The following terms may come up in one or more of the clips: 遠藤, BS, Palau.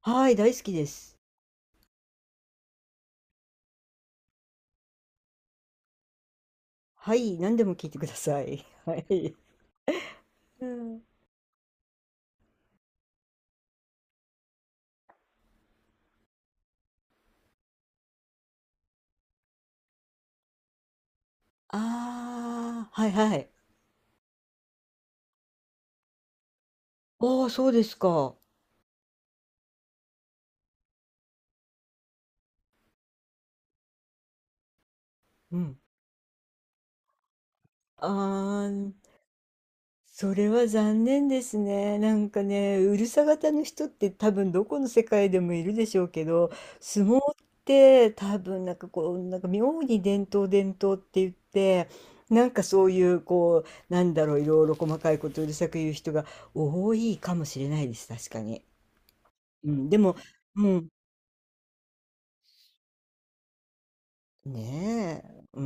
はい、大好きです。はい、何でも聞いてください。はい。うん。ああ、はいはい。ああ、そうですか。うん。ああ、それは残念ですね。なんかね、うるさ型の人って多分どこの世界でもいるでしょうけど、相撲って多分なんかこう、なんか妙に伝統伝統って言って、なんかそういうこう、なんだろう、いろいろ細かいことをうるさく言う人が多いかもしれないです。確かに。うん、でも、うん、ねえ、う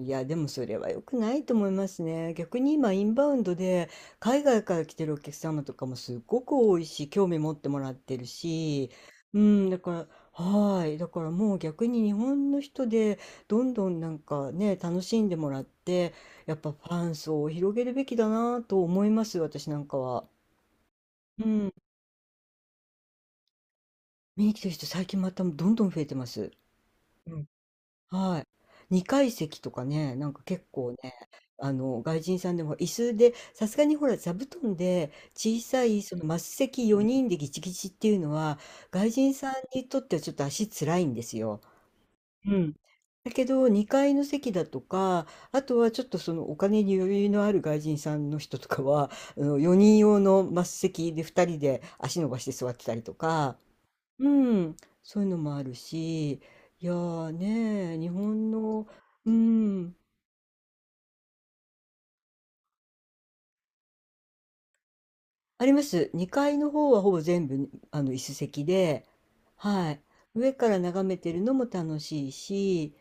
ん、いや、でもそれは良くないと思いますね。逆に今、インバウンドで、海外から来てるお客様とかもすっごく多いし、興味持ってもらってるし、うん、だから、はい、だからもう逆に日本の人で、どんどんなんかね、楽しんでもらって、やっぱファン層を広げるべきだなと思います、私なんかは。うん、見に来てる人、最近またどんどん増えてます。うん、はい。二階席とかね、なんか結構ね、外人さんでも椅子で、さすがにほら座布団で小さいそのマス席4人でギチギチっていうのは、外人さんにとってはちょっと足つらいんですよ。うん。だけど2階の席だとか、あとはちょっとそのお金に余裕のある外人さんの人とかは4人用のマス席で2人で足伸ばして座ってたりとか、うん、そういうのもあるし、いやーね、日本の、うん、あります。2階の方はほぼ全部、椅子席で、はい。上から眺めてるのも楽しいし、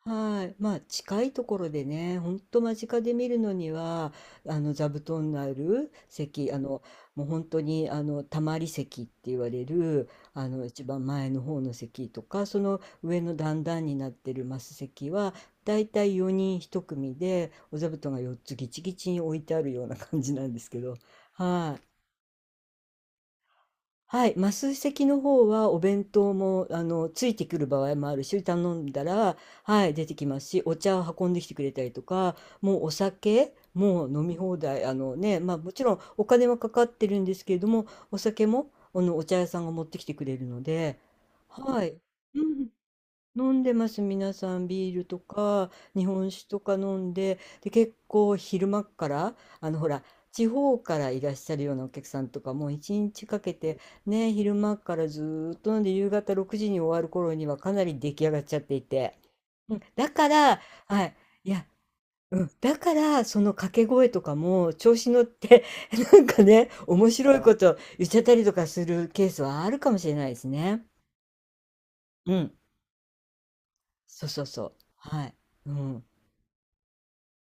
はい。まあ、近いところでね、ほんと間近で見るのには、座布団のある席、もう本当に、たまり席って言われる、一番前の方の席とか、その上の段々になってるマス席は、だいたい4人一組で、お座布団が4つギチギチに置いてあるような感じなんですけど、はい。はい、マス席の方はお弁当も、ついてくる場合もあるし、頼んだら、はい、出てきますし、お茶を運んできてくれたりとか、もうお酒、もう飲み放題、あのね、まあもちろんお金はかかってるんですけれども、お酒も、お茶屋さんが持ってきてくれるので、はい。うん、飲んでます、皆さん。ビールとか、日本酒とか飲んで、で、結構昼間っから、ほら、地方からいらっしゃるようなお客さんとか、もう一日かけて、ね、昼間っからずーっと飲んで、夕方6時に終わる頃にはかなり出来上がっちゃっていて。うん、だから、はい、いや、うん、だから、その掛け声とかも、調子乗って なんかね、面白いこと言っちゃったりとかするケースはあるかもしれないですね。うん、そうそうそう。はい。うん。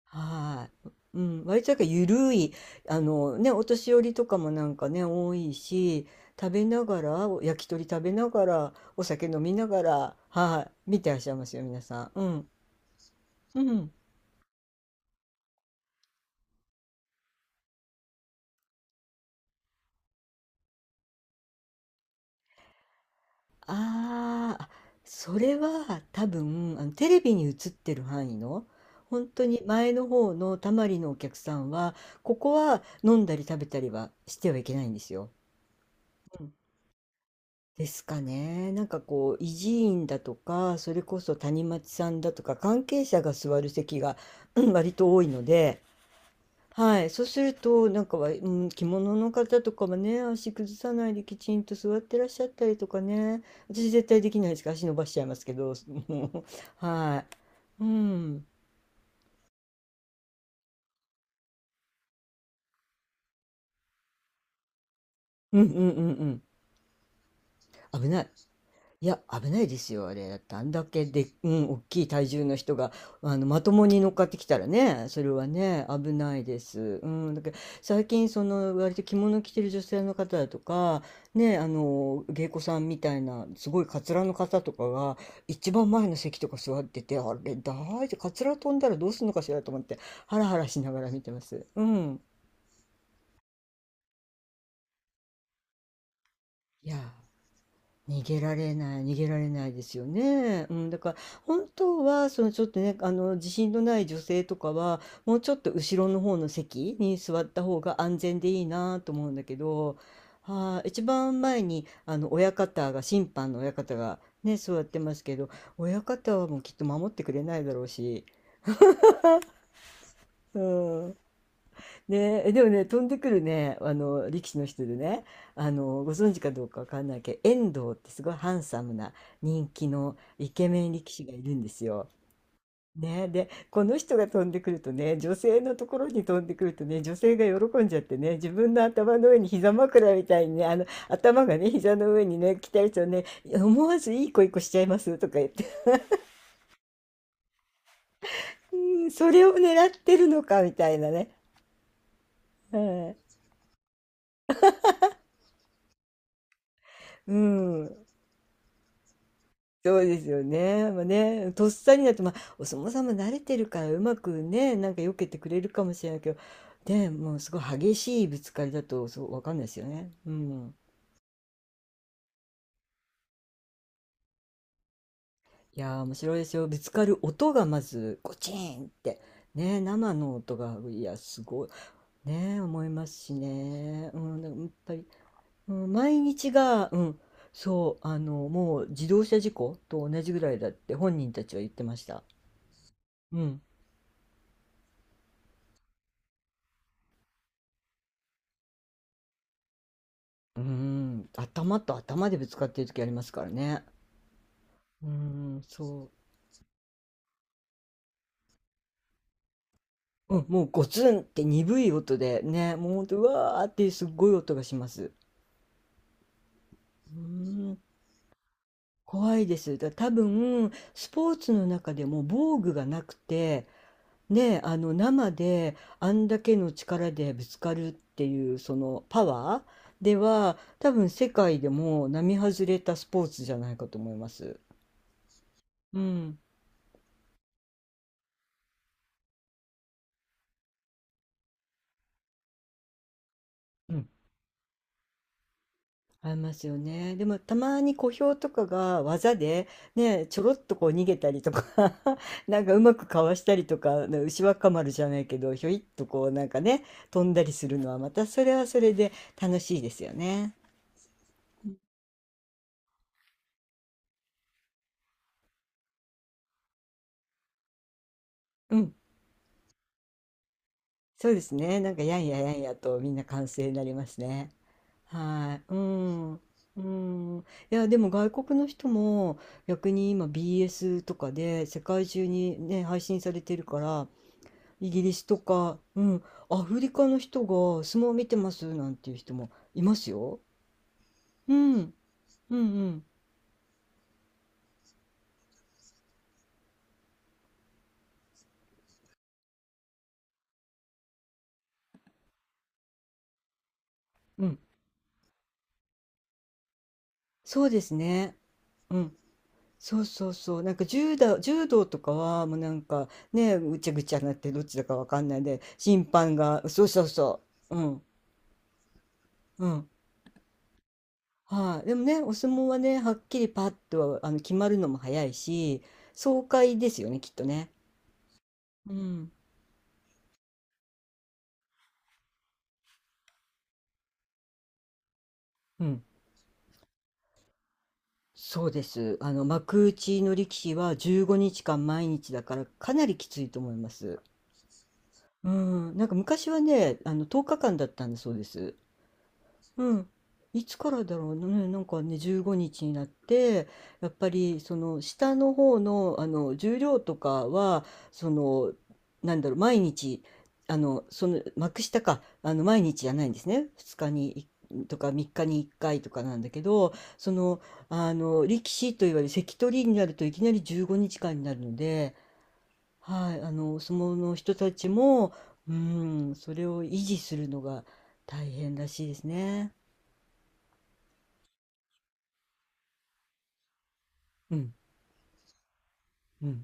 はい。うん、割となんか緩い、あのね、お年寄りとかもなんかね、多いし、食べながら、お焼き鳥食べながら、お酒飲みながら、はい、見てらっしゃいますよ、皆さん。うん。うん。あーあ、それは多分、テレビに映ってる範囲の、本当に前の方のたまりのお客さんは、ここは飲んだり食べたりはしてはいけないんですよ。ですかね。なんかこう、維持員だとか、それこそ谷町さんだとか、関係者が座る席が、うん、割と多いので、はい。そうすると、なんかは、うん、着物の方とかもね、足崩さないできちんと座ってらっしゃったりとかね。私絶対できないですから、足伸ばしちゃいますけど、もう、はい。うん。うんうんうんうん。危ない。いや、危ないですよ、あれ。だってあんだけで、うん、大きい体重の人が、まともに乗っかってきたらね、それはね、危ないです。うん、だけど、最近、その、割と着物着てる女性の方だとか、ね、芸妓さんみたいな、すごいカツラの方とかが、一番前の席とか座ってて、あれ、大丈夫、カツラ飛んだらどうするのかしらと思って、ハラハラしながら見てます。うん。いやー、逃げられない、逃げられないですよね。うん、だから本当はそのちょっとね、あの自信のない女性とかはもうちょっと後ろの方の席に座った方が安全でいいなと思うんだけど、はあ、一番前にあの親方が審判の親方がね、座ってますけど、親方はもうきっと守ってくれないだろうし、うん。ねえ、でもね、飛んでくるね、力士の人でね、ご存知かどうかわかんないけど、遠藤ってすごいハンサムな人気のイケメン力士がいるんですよ。ねで、この人が飛んでくるとね、女性のところに飛んでくるとね、女性が喜んじゃってね、自分の頭の上に膝枕みたいにね、頭がね、膝の上にね、来たりするとね、思わずいい子いい子しちゃいますとか言って、うん、それを狙ってるのかみたいなね。はい、うん、そうですよね。まあね、とっさになって、まあ、お相撲さんも慣れてるから、うまくね、なんか避けてくれるかもしれないけど、ね、もうすごい激しいぶつかりだと、そう、わかんないですよね。うん。いやー、面白いですよ。ぶつかる音がまず、ゴチーンって。ね、生の音が、いや、すごい。ね、思いますしね。うん、だからやっぱり、うん、毎日が、うん、そう、もう自動車事故と同じぐらいだって本人たちは言ってました。うん。うーん、頭と頭でぶつかってる時ありますからね。うーん、そう。うん、もうゴツンって鈍い音でね、もうほんと、うわーっていうすっごい音がします。うーん、怖いです。だ多分、スポーツの中でも防具がなくて、ね、生であんだけの力でぶつかるっていう、そのパワーでは、多分世界でも並外れたスポーツじゃないかと思います。うん。うん、ありますよね。でもたまに小兵とかが技でね、ちょろっとこう逃げたりとか なんかうまくかわしたりとか、な牛若丸じゃないけど、ひょいっとこうなんかね、飛んだりするのはまたそれはそれで楽しいですよね。うん、そうですね。なんかやんややんやとみんな歓声になりますね。はい、うん、うん。いや、でも外国の人も逆に今 BS とかで世界中にね、配信されてるから、イギリスとか、うん、アフリカの人が相撲を見てますなんていう人もいますよ。うん、うん、うん、うん、そうですね。うん、そうそうそう。なんか柔道、柔道とかはもうなんかね、ぐちゃぐちゃになってどっちだかわかんないで、審判が、そうそうそう。うん、うん。はい、でもね、お相撲はね、はっきりパッとあの決まるのも早いし、爽快ですよね、きっとね。うん、うん。そうです。幕内の力士は15日間毎日だからかなりきついと思います。うん。なんか昔はね、10日間だったんだそうです。うん。いつからだろうね。なんかね、15日にちになって、やっぱりその下の方の、あの重量とかは、その、なんだろう、毎日、幕下か、毎日じゃないんですね。2日にいとか3日に1回とかなんだけど、その、力士といわれる関取になるといきなり15日間にちかんになるので、はい、お相撲の人たちも、うん、それを維持するのが大変らしいですね。うん。うん。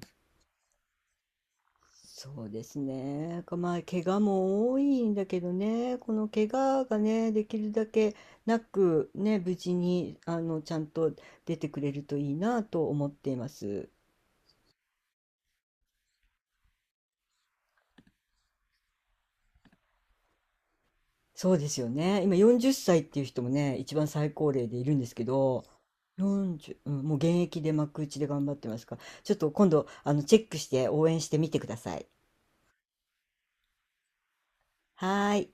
そうですね。かまあ、怪我も多いんだけどね、この怪我がね、できるだけなく、ね、無事に、ちゃんと出てくれるといいなと思っています。そうですよね。今40歳っさいっていう人もね、一番最高齢でいるんですけど、40、うん、もう現役で幕内で頑張ってますから、ちょっと今度、チェックして応援してみてください。はーい。